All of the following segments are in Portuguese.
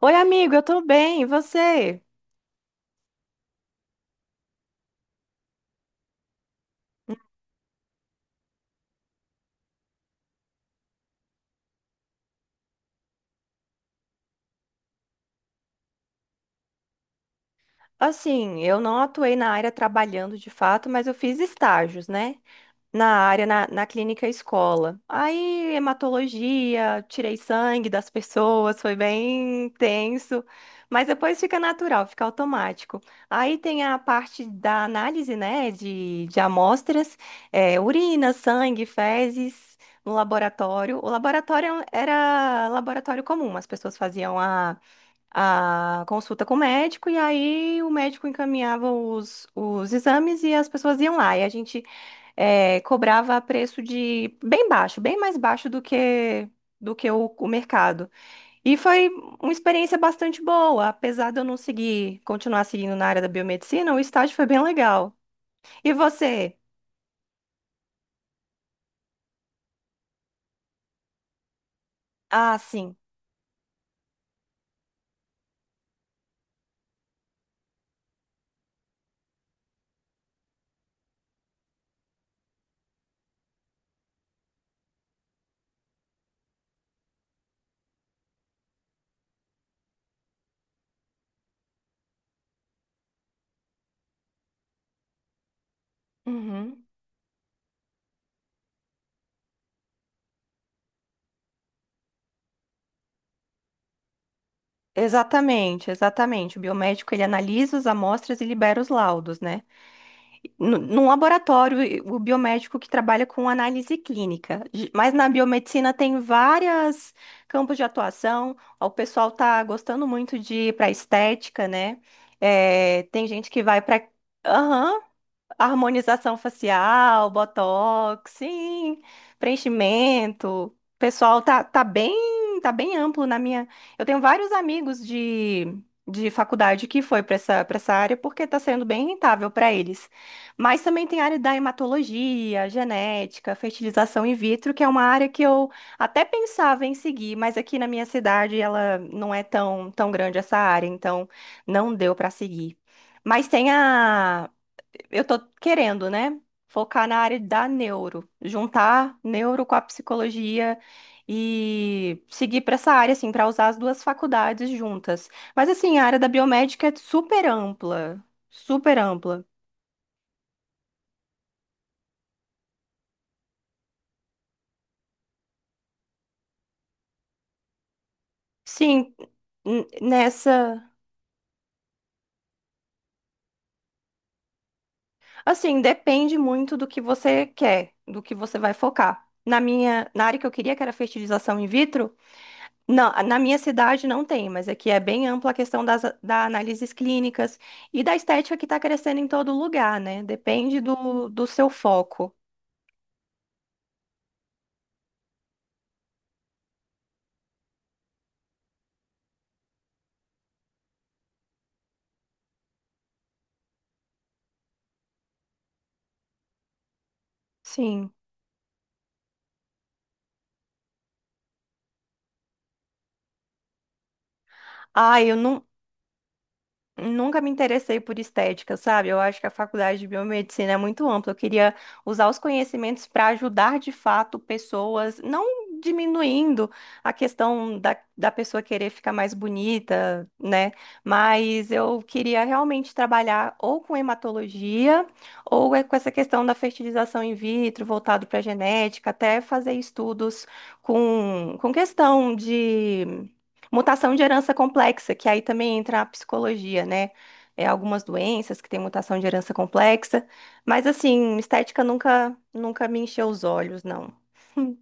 Oi, amigo, eu tô bem, e você? Assim, eu não atuei na área trabalhando de fato, mas eu fiz estágios, né? Na área, na clínica escola. Aí, hematologia, tirei sangue das pessoas, foi bem tenso, mas depois fica natural, fica automático. Aí tem a parte da análise, né, de amostras, urina, sangue, fezes. No laboratório. O laboratório era laboratório comum, as pessoas faziam a consulta com o médico, e aí o médico encaminhava os exames e as pessoas iam lá. E a gente cobrava a preço de bem baixo, bem mais baixo do que o mercado. E foi uma experiência bastante boa, apesar de eu não seguir, continuar seguindo na área da biomedicina, o estágio foi bem legal. E você? Ah, sim. Uhum. Exatamente, exatamente. O biomédico ele analisa as amostras e libera os laudos, né? Num laboratório, o biomédico que trabalha com análise clínica. Mas na biomedicina tem várias campos de atuação. O pessoal tá gostando muito de ir para estética, né? É, tem gente que vai para harmonização facial, botox, sim, preenchimento. O pessoal, tá bem amplo na minha. Eu tenho vários amigos de faculdade que foi para essa área porque tá sendo bem rentável para eles. Mas também tem a área da hematologia, genética, fertilização in vitro, que é uma área que eu até pensava em seguir, mas aqui na minha cidade ela não é tão, tão grande essa área, então não deu para seguir. Mas tem a, eu tô querendo, né? Focar na área da neuro, juntar neuro com a psicologia e seguir para essa área, assim, para usar as duas faculdades juntas. Mas, assim, a área da biomédica é super ampla, super ampla. Sim, nessa. Assim, depende muito do que você quer, do que você vai focar. Na minha, na área que eu queria, que era fertilização in vitro. Não, na minha cidade não tem, mas aqui é bem ampla a questão das da análises clínicas e da estética que está crescendo em todo lugar, né? Depende do, do seu foco. Sim. Ah, eu não, Nunca me interessei por estética, sabe? Eu acho que a faculdade de biomedicina é muito ampla. Eu queria usar os conhecimentos para ajudar de fato pessoas, não diminuindo a questão da, da pessoa querer ficar mais bonita, né? Mas eu queria realmente trabalhar ou com hematologia ou é com essa questão da fertilização in vitro, voltado para genética, até fazer estudos com questão de. Mutação de herança complexa, que aí também entra a psicologia, né? É, algumas doenças que têm mutação de herança complexa, mas assim, estética nunca, nunca me encheu os olhos, não.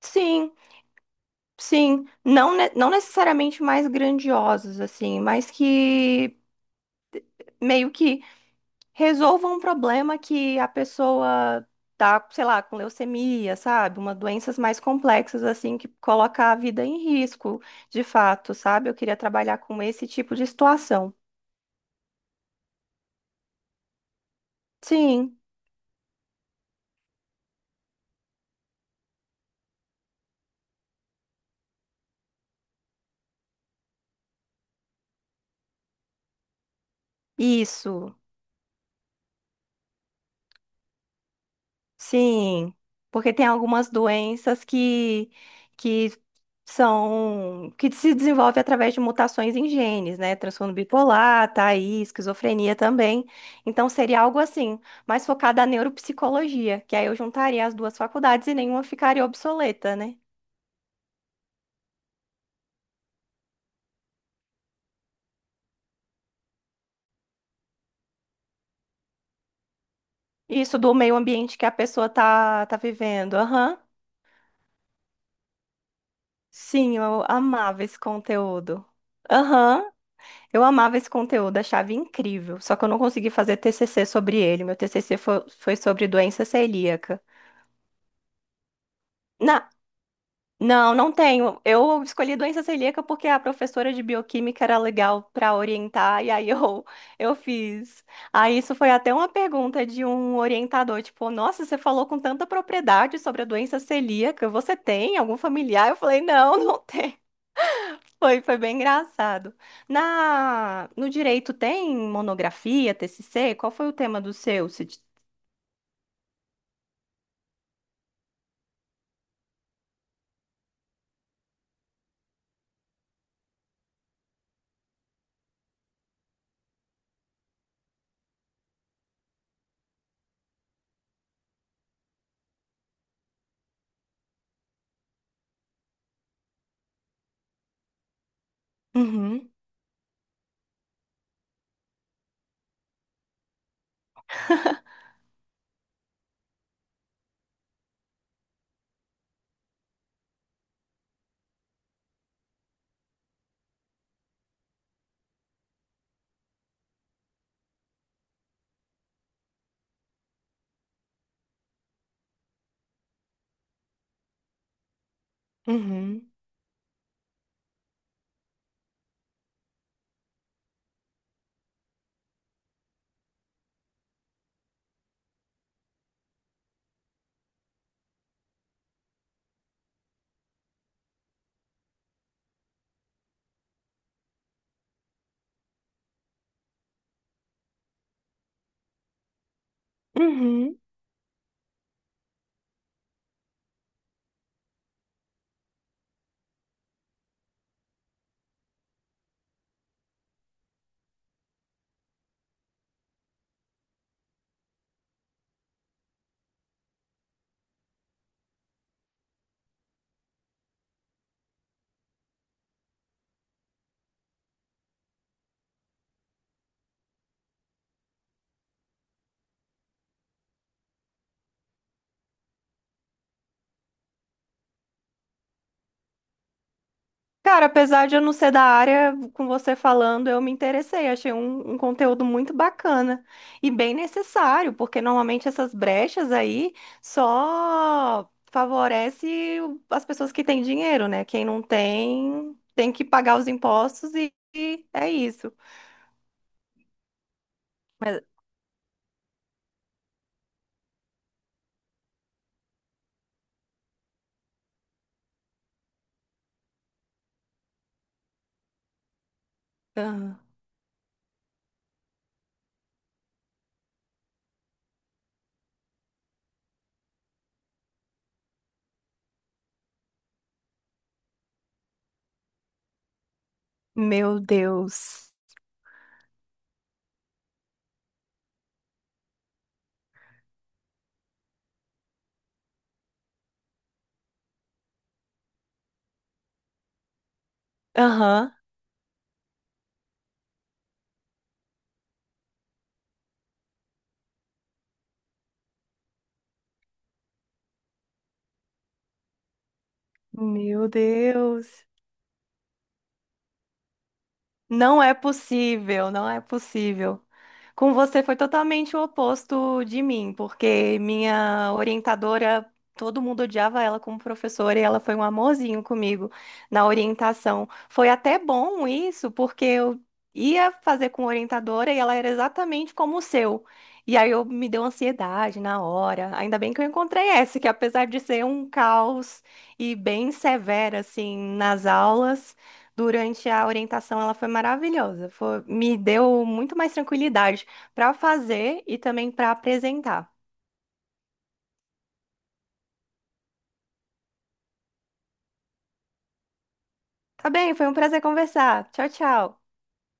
Sim, sim, não, não necessariamente mais grandiosos, assim, mas que meio que resolva um problema que a pessoa tá, sei lá, com leucemia, sabe? Uma doenças mais complexas assim que coloca a vida em risco, de fato, sabe? Eu queria trabalhar com esse tipo de situação. Sim, isso. Sim, porque tem algumas doenças que são que se desenvolve através de mutações em genes, né? Transtorno bipolar, tá aí, esquizofrenia também. Então seria algo assim, mais focado na neuropsicologia, que aí eu juntaria as duas faculdades e nenhuma ficaria obsoleta, né? Isso, do meio ambiente que a pessoa tá, tá vivendo. Aham. Sim, eu amava esse conteúdo. Aham. Eu amava esse conteúdo, achava incrível, só que eu não consegui fazer TCC sobre ele. Meu TCC foi, foi sobre doença celíaca. Na- não, não tenho. Eu escolhi doença celíaca porque a professora de bioquímica era legal para orientar, e aí eu fiz. Aí isso foi até uma pergunta de um orientador, tipo, nossa, você falou com tanta propriedade sobre a doença celíaca, você tem algum familiar? Eu falei, não, não. Foi, foi bem engraçado. Na, no direito tem monografia, TCC? Qual foi o tema do seu? Cid? Uhum, uhum, uhum. Cara, apesar de eu não ser da área, com você falando, eu me interessei. Achei um, um conteúdo muito bacana e bem necessário, porque normalmente essas brechas aí só favorece as pessoas que têm dinheiro, né? Quem não tem, tem que pagar os impostos e é isso. Mas, aham. Meu Deus. Aham. Meu Deus. Não é possível, não é possível. Com você foi totalmente o oposto de mim, porque minha orientadora, todo mundo odiava ela como professora e ela foi um amorzinho comigo na orientação. Foi até bom isso, porque eu ia fazer com orientadora e ela era exatamente como o seu. E aí eu me deu ansiedade na hora. Ainda bem que eu encontrei essa, que apesar de ser um caos e bem severa assim nas aulas, durante a orientação, ela foi maravilhosa. Me deu muito mais tranquilidade para fazer e também para apresentar. Tá bem, foi um prazer conversar. Tchau, tchau.